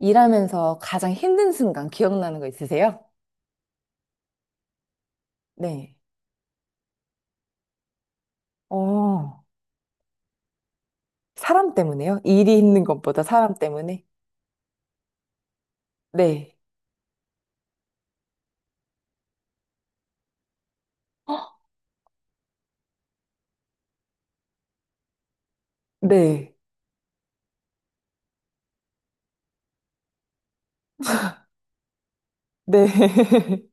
일하면서 가장 힘든 순간 기억나는 거 있으세요? 네. 어, 사람 때문에요? 일이 힘든 것보다 사람 때문에? 네. 네. 네.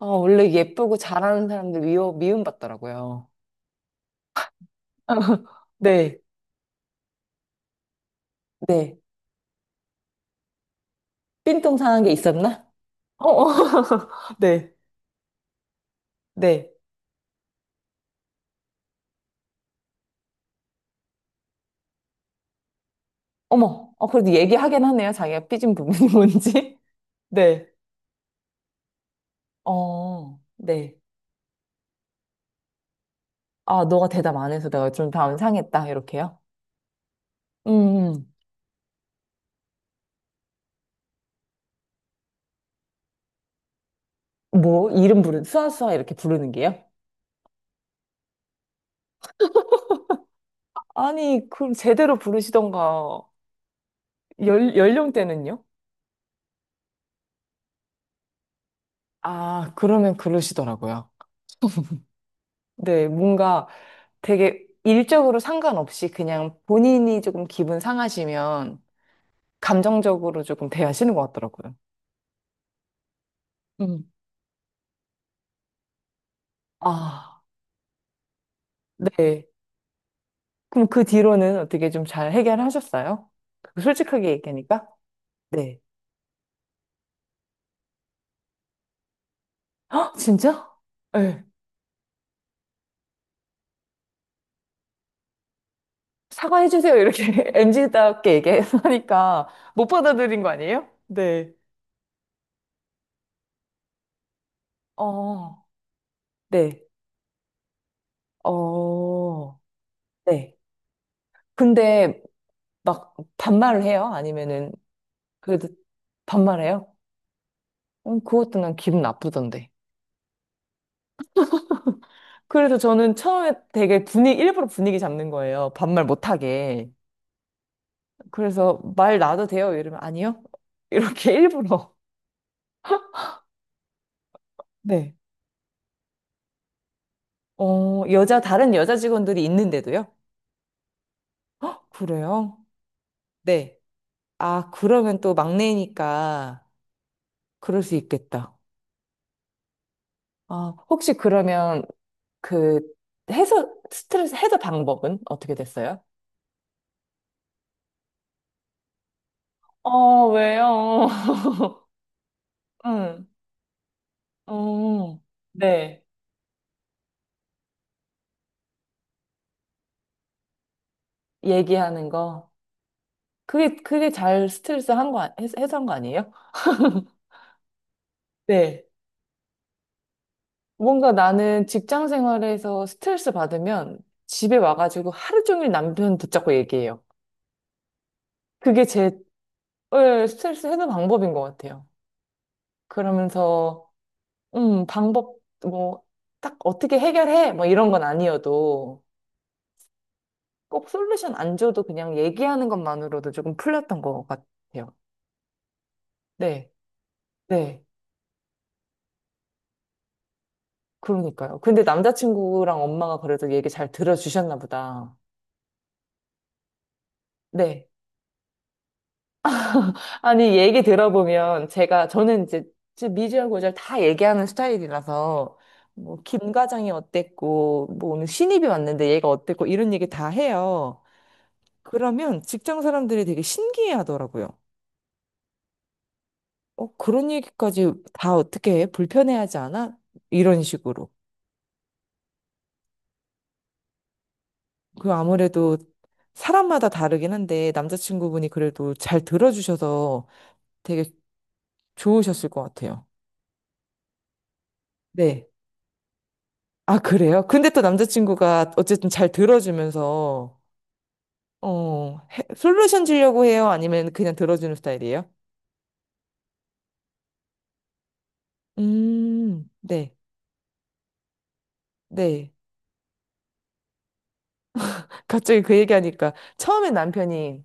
아, 원래 예쁘고 잘하는 사람들 미움받더라고요. 네. 네. 삔똥 상한 게 있었나? 어, 어. 네. 네. 어머. 어, 그래도 얘기하긴 하네요. 자기가 삐진 부분이 뭔지. 네. 어, 네. 아, 너가 대답 안 해서 내가 좀 마음 상했다. 이렇게요? 음. 뭐, 이름 부는 수아수아 이렇게 부르는 게요? 아니, 그럼 제대로 부르시던가. 연 연령대는요? 아, 그러면 그러시더라고요. 네, 뭔가 되게 일적으로 상관없이 그냥 본인이 조금 기분 상하시면 감정적으로 조금 대하시는 것 같더라고요. 음. 아, 네. 그럼 그 뒤로는 어떻게 좀 잘 해결하셨어요? 솔직하게 얘기하니까? 네. 헉, 진짜? 네. 사과해주세요. 이렇게 m 지답게 얘기하니까 못 받아들인 거 아니에요? 네. 어, 네. 어, 네. 근데 막 반말을 해요? 아니면은 그래도 반말해요? 그것도 난 기분 나쁘던데. 그래서 저는 처음에 되게 분위기, 일부러 분위기 잡는 거예요. 반말 못하게. 그래서 말 놔도 돼요? 이러면 아니요? 이렇게 일부러. 네. 어, 여자, 다른 여자 직원들이 있는데도요? 그래요? 네. 아, 그러면 또 막내니까 그럴 수 있겠다. 아, 혹시 그러면 그 해소, 스트레스 해소 방법은 어떻게 됐어요? 어, 왜요? 응. 어, 네. 얘기하는 거. 그게 잘 스트레스 한 거, 해소한 거 아니에요? 네. 뭔가 나는 직장 생활에서 스트레스 받으면 집에 와가지고 하루 종일 남편 붙잡고 얘기해요. 그게 제 예, 스트레스 해소 방법인 것 같아요. 그러면서 방법, 뭐, 딱 어떻게 해결해? 뭐 이런 건 아니어도 꼭 솔루션 안 줘도 그냥 얘기하는 것만으로도 조금 풀렸던 것 같아요. 네, 네. 그러니까요. 근데 남자친구랑 엄마가 그래도 얘기 잘 들어주셨나 보다. 네. 아니, 얘기 들어보면 제가, 저는 이제 지금 미주하고 잘 다 얘기하는 스타일이라서 뭐, 김 과장이 어땠고, 뭐, 오늘 신입이 왔는데 얘가 어땠고, 이런 얘기 다 해요. 그러면 직장 사람들이 되게 신기해 하더라고요. 어, 그런 얘기까지 다 어떻게 해? 불편해하지 않아? 이런 식으로. 그, 아무래도 사람마다 다르긴 한데 남자친구분이 그래도 잘 들어주셔서 되게 좋으셨을 것 같아요. 네. 아, 그래요? 근데 또 남자친구가 어쨌든 잘 들어주면서 어, 솔루션 주려고 해요? 아니면 그냥 들어주는 스타일이에요? 네. 네. 갑자기 그 얘기하니까 처음에 남편이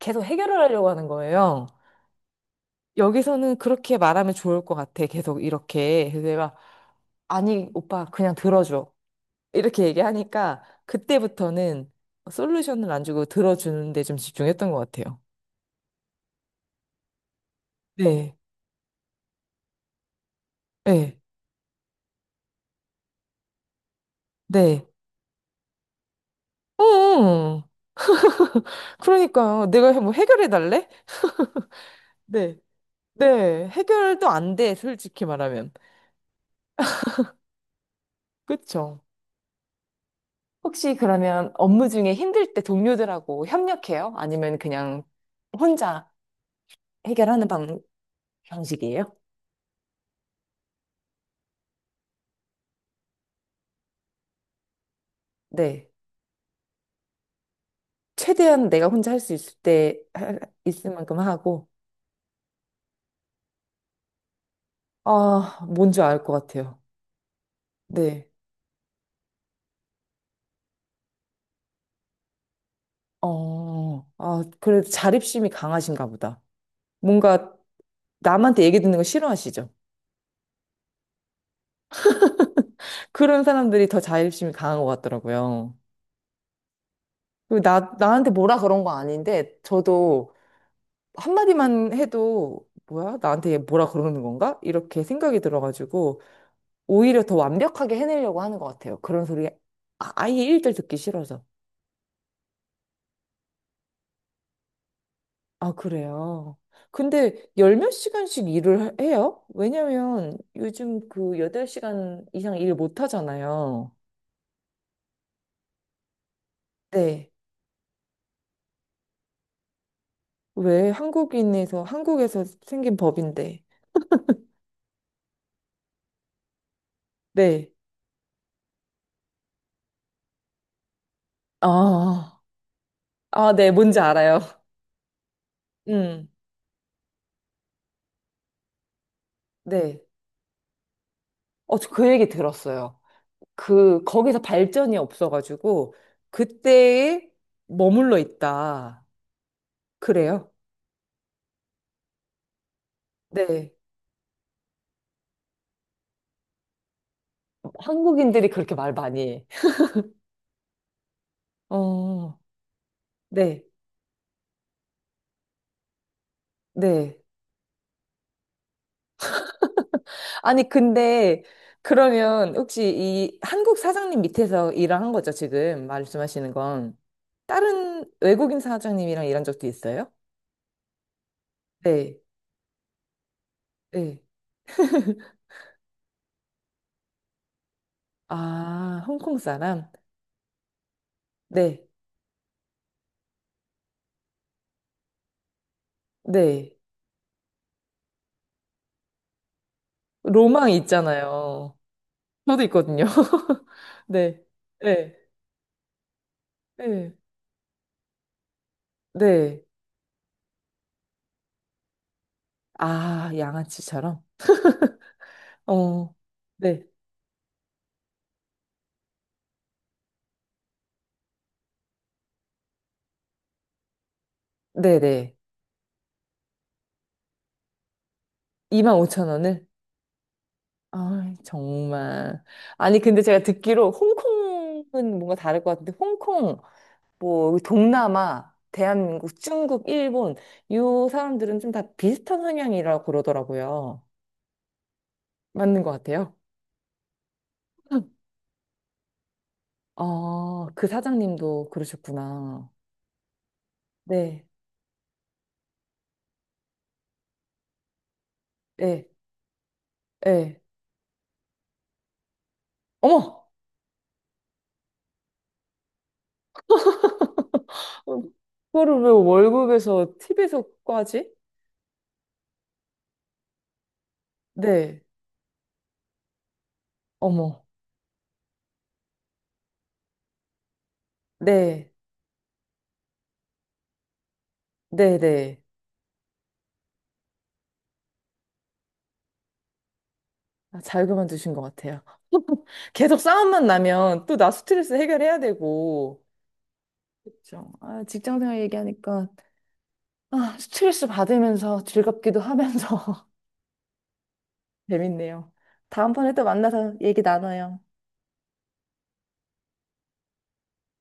계속 해결을 하려고 하는 거예요. 여기서는 그렇게 말하면 좋을 것 같아. 계속 이렇게. 그래서 내가, 아니, 오빠, 그냥 들어줘. 이렇게 얘기하니까, 그때부터는 솔루션을 안 주고 들어주는데 좀 집중했던 것 같아요. 네, 네, 네. 응, 그러니까요. 내가 뭐 해결해 달래? 네, 네. 해결도 안 돼, 솔직히 말하면. 그쵸? 혹시 그러면 업무 중에 힘들 때 동료들하고 협력해요? 아니면 그냥 혼자 해결하는 방식이에요? 네. 최대한 내가 혼자 할 수 있을 때, 있을 만큼 하고, 아, 뭔지 알 것 같아요. 네. 어, 아, 그래도 자립심이 강하신가 보다. 뭔가 남한테 얘기 듣는 거 싫어하시죠? 그런 사람들이 더 자립심이 강한 것 같더라고요. 그리고 나한테 뭐라 그런 거 아닌데, 저도 한마디만 해도, 뭐야? 나한테 얘 뭐라 그러는 건가? 이렇게 생각이 들어가지고, 오히려 더 완벽하게 해내려고 하는 것 같아요. 그런 소리, 아예 일절 듣기 싫어서. 아, 그래요. 근데 열 몇 시간씩 일을 해요? 왜냐면 요즘 그 8시간 이상 일 못 하잖아요. 네. 왜 한국에서 생긴 법인데. 네. 아, 아, 네, 뭔지 알아요. 음, 네. 어, 저 그 얘기 들었어요. 그, 거기서 발전이 없어가지고, 그때에 머물러 있다. 그래요? 네. 한국인들이 그렇게 말 많이 해. 어, 네, 네. 아니, 근데 그러면 혹시 이 한국 사장님 밑에서 일을 한 거죠, 지금 말씀하시는 건? 다른 외국인 사장님이랑 일한 적도 있어요? 네, 네. 아, 홍콩 사람? 네, 네. 로망 있잖아요. 저도 있거든요. 네, 네, 네, 네. 아, 양아치처럼? 어, 네, 네, 네. 25,000원을? 아, 정말. 아니, 근데 제가 듣기로 홍콩은 뭔가 다를 것 같은데, 홍콩, 뭐, 동남아, 대한민국, 중국, 일본, 이 사람들은 좀 다 비슷한 성향이라고 그러더라고요. 맞는 것 같아요. 아, 그 사장님도 그러셨구나. 네, 네, 네. 어머! 어, 그거를 왜 월급에서, 팁에서까지? 네, 어머. 네, 네, 네. 아, 잘 그만두신 것 같아요. 계속 싸움만 나면 또 나 스트레스 해결해야 되고. 그렇죠. 아, 직장 생활 얘기하니까 아, 스트레스 받으면서 즐겁기도 하면서 재밌네요. 다음번에 또 만나서 얘기 나눠요.